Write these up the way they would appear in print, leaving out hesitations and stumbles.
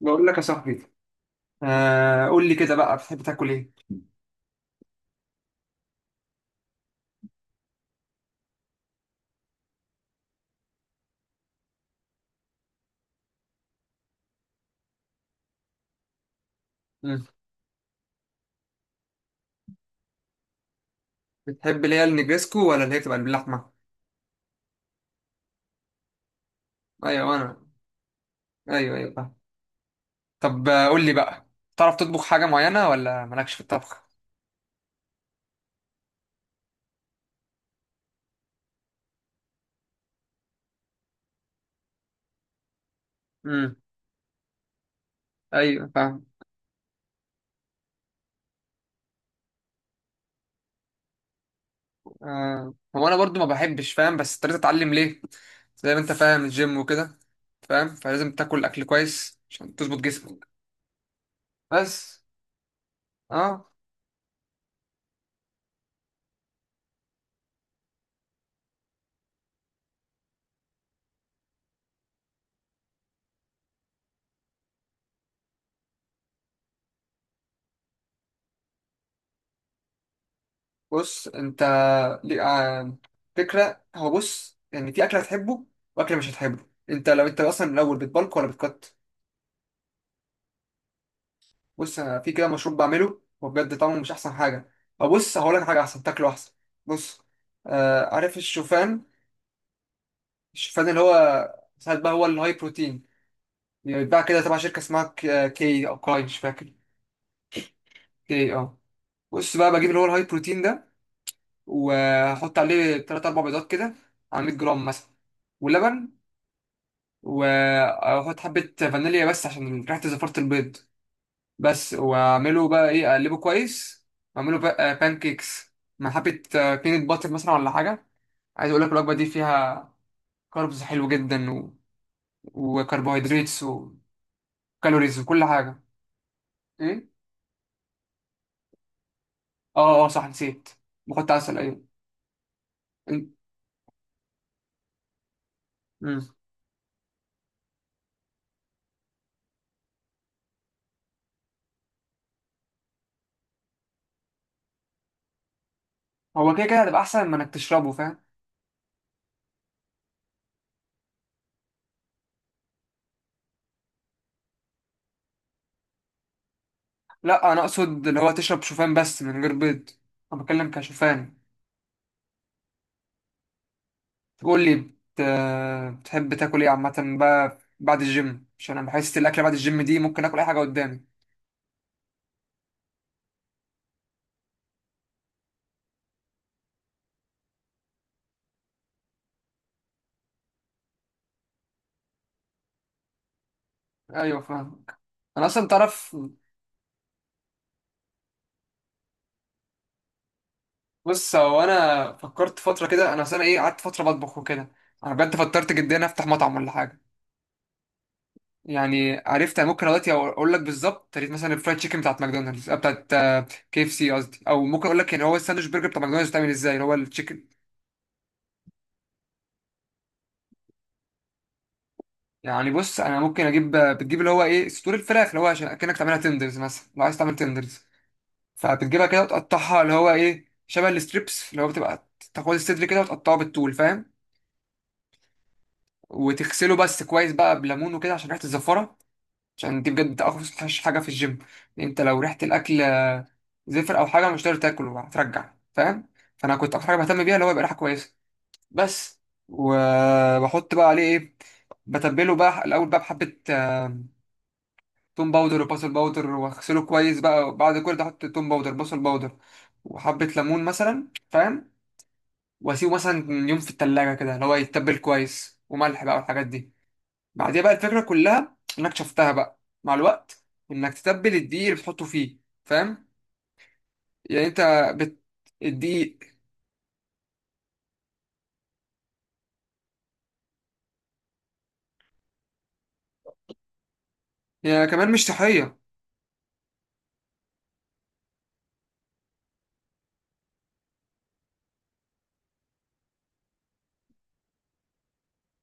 بقول لك يا صاحبي. قول لي كده بقى، بتحب تاكل ايه؟ مم. بتحب اللي هي النجريسكو، ولا اللي هي بتبقى باللحمه؟ ايوه انا ايوه، ايوه، فاهم. طب، قول لي بقى، تعرف تطبخ حاجه معينه، ولا مالكش في الطبخ؟ امم. ايوه، فاهم. آه. هو انا برضو ما بحبش، فاهم، بس اضطريت اتعلم ليه؟ زي ما انت فاهم، الجيم وكده، فاهم، فلازم تاكل اكل كويس عشان تظبط جسمك. بس اه بص انت، لي- آه، فكرة. هو بص يعني في أكل هتحبه وأكل مش هتحبه، انت لو انت أصلا من الأول بتبلك ولا بتقط. بص أنا في كده مشروب بعمله وبجد طعمه مش أحسن حاجة. أو بص، هقول لك حاجة أحسن تاكله أحسن. بص، عارف الشوفان؟ الشوفان اللي هو ساعات بقى هو الهاي بروتين. بيتباع كده تبع شركة اسمها كي أو كاي، مش فاكر. كي، بص بقى بجيب اللي هو الهاي بروتين ده، وأحط عليه تلات أربع بيضات كده، على 100 جرام مثلا، ولبن، واحط حبة فانيليا بس عشان ريحة زفارة البيض. بس واعمله بقى ايه، اقلبه كويس، واعمله بقى بان كيكس، مع حبة بينت باتر مثلا ولا حاجة. عايز اقول لك الوجبة دي فيها كاربز حلو جدا، وكربوهيدراتس وكالوريز وكل حاجة. ايه، اه اه، صح، نسيت. بحط عسل، ايوه. إن- مم. هو كده كده هتبقى احسن من انك تشربه، فاهم. لا، انا اقصد اللي هو تشرب شوفان بس من غير بيض. انا بتكلم كشوفان. قول لي بت... بتحب تاكل ايه عامة بقى بعد الجيم؟ عشان انا بحس الاكل بعد الجيم دي ممكن اكل اي حاجة قدامي. ايوه، فاهم. انا اصلا تعرف، بص هو انا فكرت فترة كده، انا اصلا ايه، قعدت فترة بطبخ وكده. انا بجد فكرت جدا افتح مطعم ولا حاجة. يعني عرفت أنا ممكن دلوقتي اقول لك بالظبط طريقة مثلا الفرايد تشيكن بتاعت ماكدونالدز، آه، بتاعت آه، كي اف سي قصدي. او ممكن اقول لك يعني هو الساندوتش برجر بتاع ماكدونالدز بتعمل ازاي اللي هو التشيكن. يعني بص انا ممكن اجيب، بتجيب اللي هو ايه صدور الفراخ، اللي هو عشان اكنك تعملها تندرز مثلا، لو عايز تعمل تندرز. فبتجيبها كده وتقطعها اللي هو ايه شبه الستريبس، اللي هو بتبقى تاخد الصدر كده وتقطعه بالطول، فاهم. وتغسله بس كويس بقى بليمون وكده عشان ريحه الزفاره. عشان دي بجد اوحش حاجه في الجيم، لأن انت لو ريحه الاكل زفر او حاجه مش هتقدر تاكله، هترجع، فاهم. فانا كنت اكتر حاجه بهتم بيها اللي هو يبقى ريحه كويسه بس. وبحط بقى عليه ايه، بتبله بقى الاول بقى بحبه، توم باودر وبصل باودر، واغسله كويس بقى، وبعد كل ده احط توم باودر بصل باودر وحبه ليمون مثلا، فاهم. واسيبه مثلا يوم في التلاجة كده اللي هو يتبل كويس، وملح بقى والحاجات دي. بعديها بقى الفكرة كلها انك شفتها بقى مع الوقت، انك تتبل الدقيق اللي بتحطه فيه، فاهم. يعني انت، بت... الدقيق. يعني كمان مش صحية.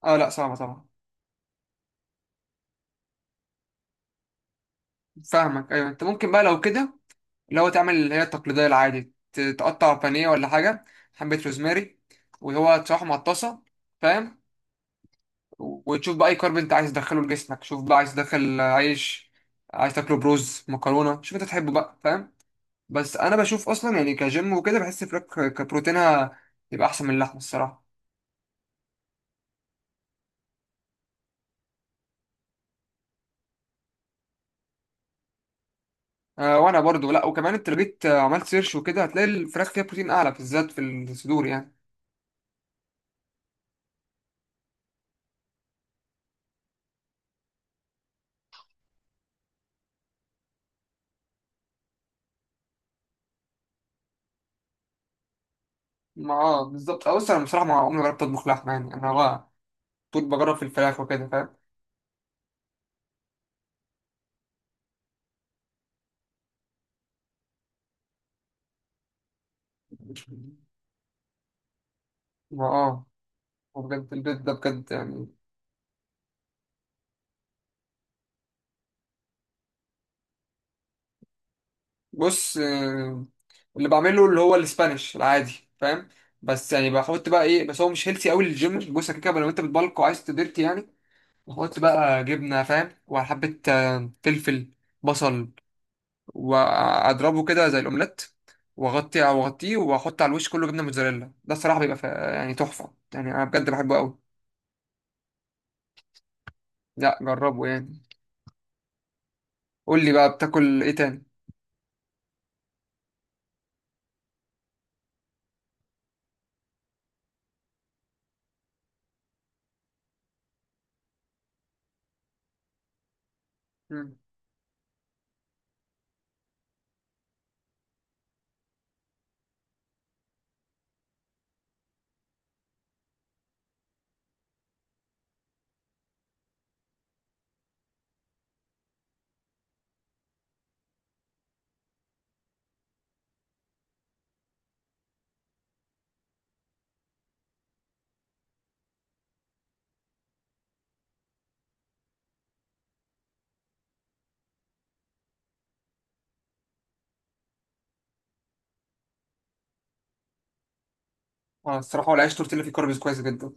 اه لا، صعبة طبعا. فاهمك. ايوه، انت ممكن بقى لو كده اللي هو تعمل اللي هي التقليدية العادي، تقطع بانيه ولا حاجة، حبة روزماري، وهو تشرحه مع الطاسة، فاهم. وتشوف بقى اي كارب انت عايز تدخله لجسمك، شوف بقى عايز تدخل عيش، عايز تاكله بروز، مكرونه، شوف انت تحبه بقى، فاهم. بس انا بشوف اصلا يعني كجيم وكده بحس فراخ كبروتينها يبقى احسن من اللحمه الصراحه. أه، وانا برضو لا، وكمان انت لو جيت عملت سيرش وكده هتلاقي الفراخ فيها بروتين اعلى، بالذات في الصدور يعني. ما اه بالظبط. بص انا بصراحه ما عمري ما جربت اطبخ لحمه، يعني انا بقى طول بجرب في الفراخ وكده، فاهم. ما اه وبجد البيت ده بجد يعني. بص، اللي بعمله اللي هو الاسبانيش العادي، فاهم. بس يعني بحط بقى ايه، بس هو مش هيلثي قوي للجيم، بص كده لو انت بتبلك وعايز تديرتي يعني. بحط بقى جبنه، فاهم، وحبه فلفل، بصل، واضربه كده زي الاومليت، واغطي، واغطيه، واحط على الوش كله جبنه موتزاريلا. ده الصراحه بيبقى يعني تحفه، يعني انا بجد بحبه قوي. لا جربه يعني. قول لي بقى، بتاكل ايه تاني؟ مم. اه الصراحه هو العيش تورتيلا فيه كاربز كويس جدا.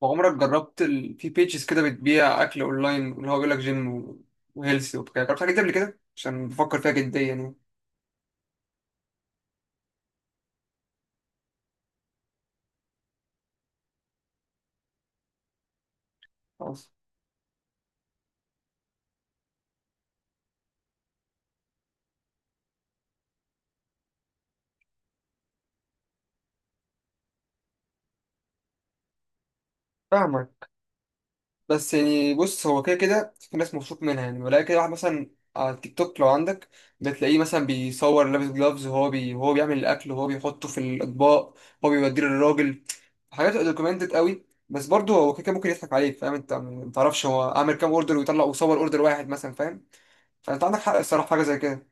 وعمرك جربت في بيجز كده بتبيع اكل اونلاين، اللي هو بيقول لك جيم وهيلثي وبتاع؟ جربت حاجه دي قبل كده، عشان بفكر فيها جديا يعني. خلاص، فاهمك. بس يعني بص هو كده كده في ناس مبسوط منها يعني ولا كده، واحد مثلا على التيك توك لو عندك، بتلاقيه مثلا بيصور لابس جلافز، وهو وهو بيعمل الاكل وهو بيحطه في الاطباق، هو بيوديه للراجل. حاجات دوكيومنتد قوي، بس برضه هو كده كده ممكن يضحك عليك، فاهم، انت ما تعرفش هو عامل كام اوردر، ويطلع ويصور اوردر واحد مثلا، فاهم. فانت عندك حق الصراحه في حاجه زي كده.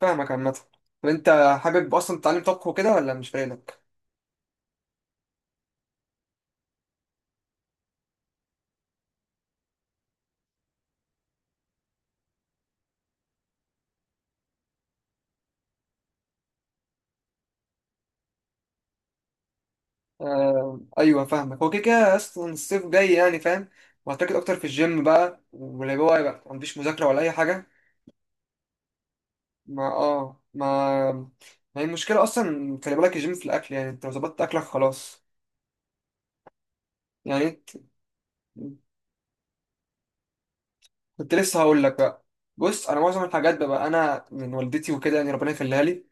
فاهمك عامة. طب انت، حابب اصلا تتعلم طبخ وكده ولا مش فايدك؟ آه، ايوه، فاهمك. هو كده كده اصلا الصيف جاي يعني، فاهم. وهتركز اكتر في الجيم بقى، واللي هو يبقى مفيش مذاكرة ولا اي حاجة. ما اه ما ما هي المشكلة اصلا، خلي بالك الجيم في الاكل، يعني انت لو ظبطت اكلك خلاص. يعني كنت لسه هقول لك بقى. بص انا معظم الحاجات بقى انا من والدتي وكده، يعني ربنا يخليها لي.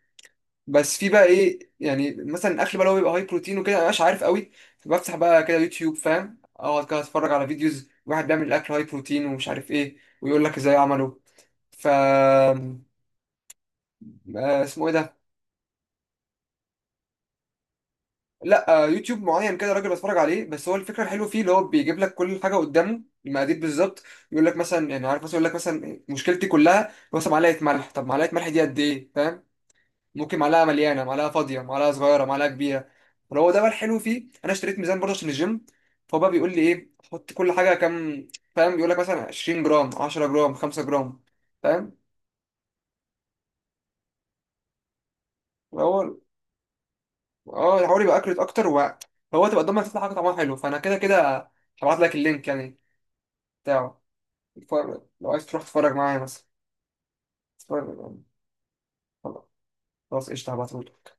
بس في بقى ايه، يعني مثلا الاكل بقى لو بيبقى هاي بروتين وكده انا مش عارف قوي. فبفتح بقى كده يوتيوب، فاهم، اقعد كده اتفرج على فيديوز واحد بيعمل الاكل هاي بروتين ومش عارف ايه، ويقول لك ازاي عمله. ف اسمه ايه ده. لا، يوتيوب معين كده راجل بتفرج عليه. بس هو الفكره الحلوه فيه اللي هو بيجيب لك كل حاجه قدامه المقادير بالظبط. يقول لك مثلا، يعني عارف مثلا يقول لك مثلا مشكلتي كلها مثلا معلقه ملح، طب معلقه ملح دي قد ايه، فاهم، ممكن معلقه مليانه، معلقه فاضيه، معلقه صغيره، معلقه كبيره. فلو هو ده بقى الحلو فيه. انا اشتريت ميزان برضه عشان الجيم. فهو بقى بيقول لي ايه، حط كل حاجه كام، فاهم، بيقول لك مثلا 20 جرام، 10 جرام، 5 جرام، فاهم. هو اه الحوار يبقى اكرت اكتر فهو تبقى قدامك تطلع حاجه طعمها حلو، فانا كده كده هبعت لك اللينك يعني بتاعه. لو عايز تروح تتفرج معايا مثلا. تتفرج- خلاص قشطه، هبعته.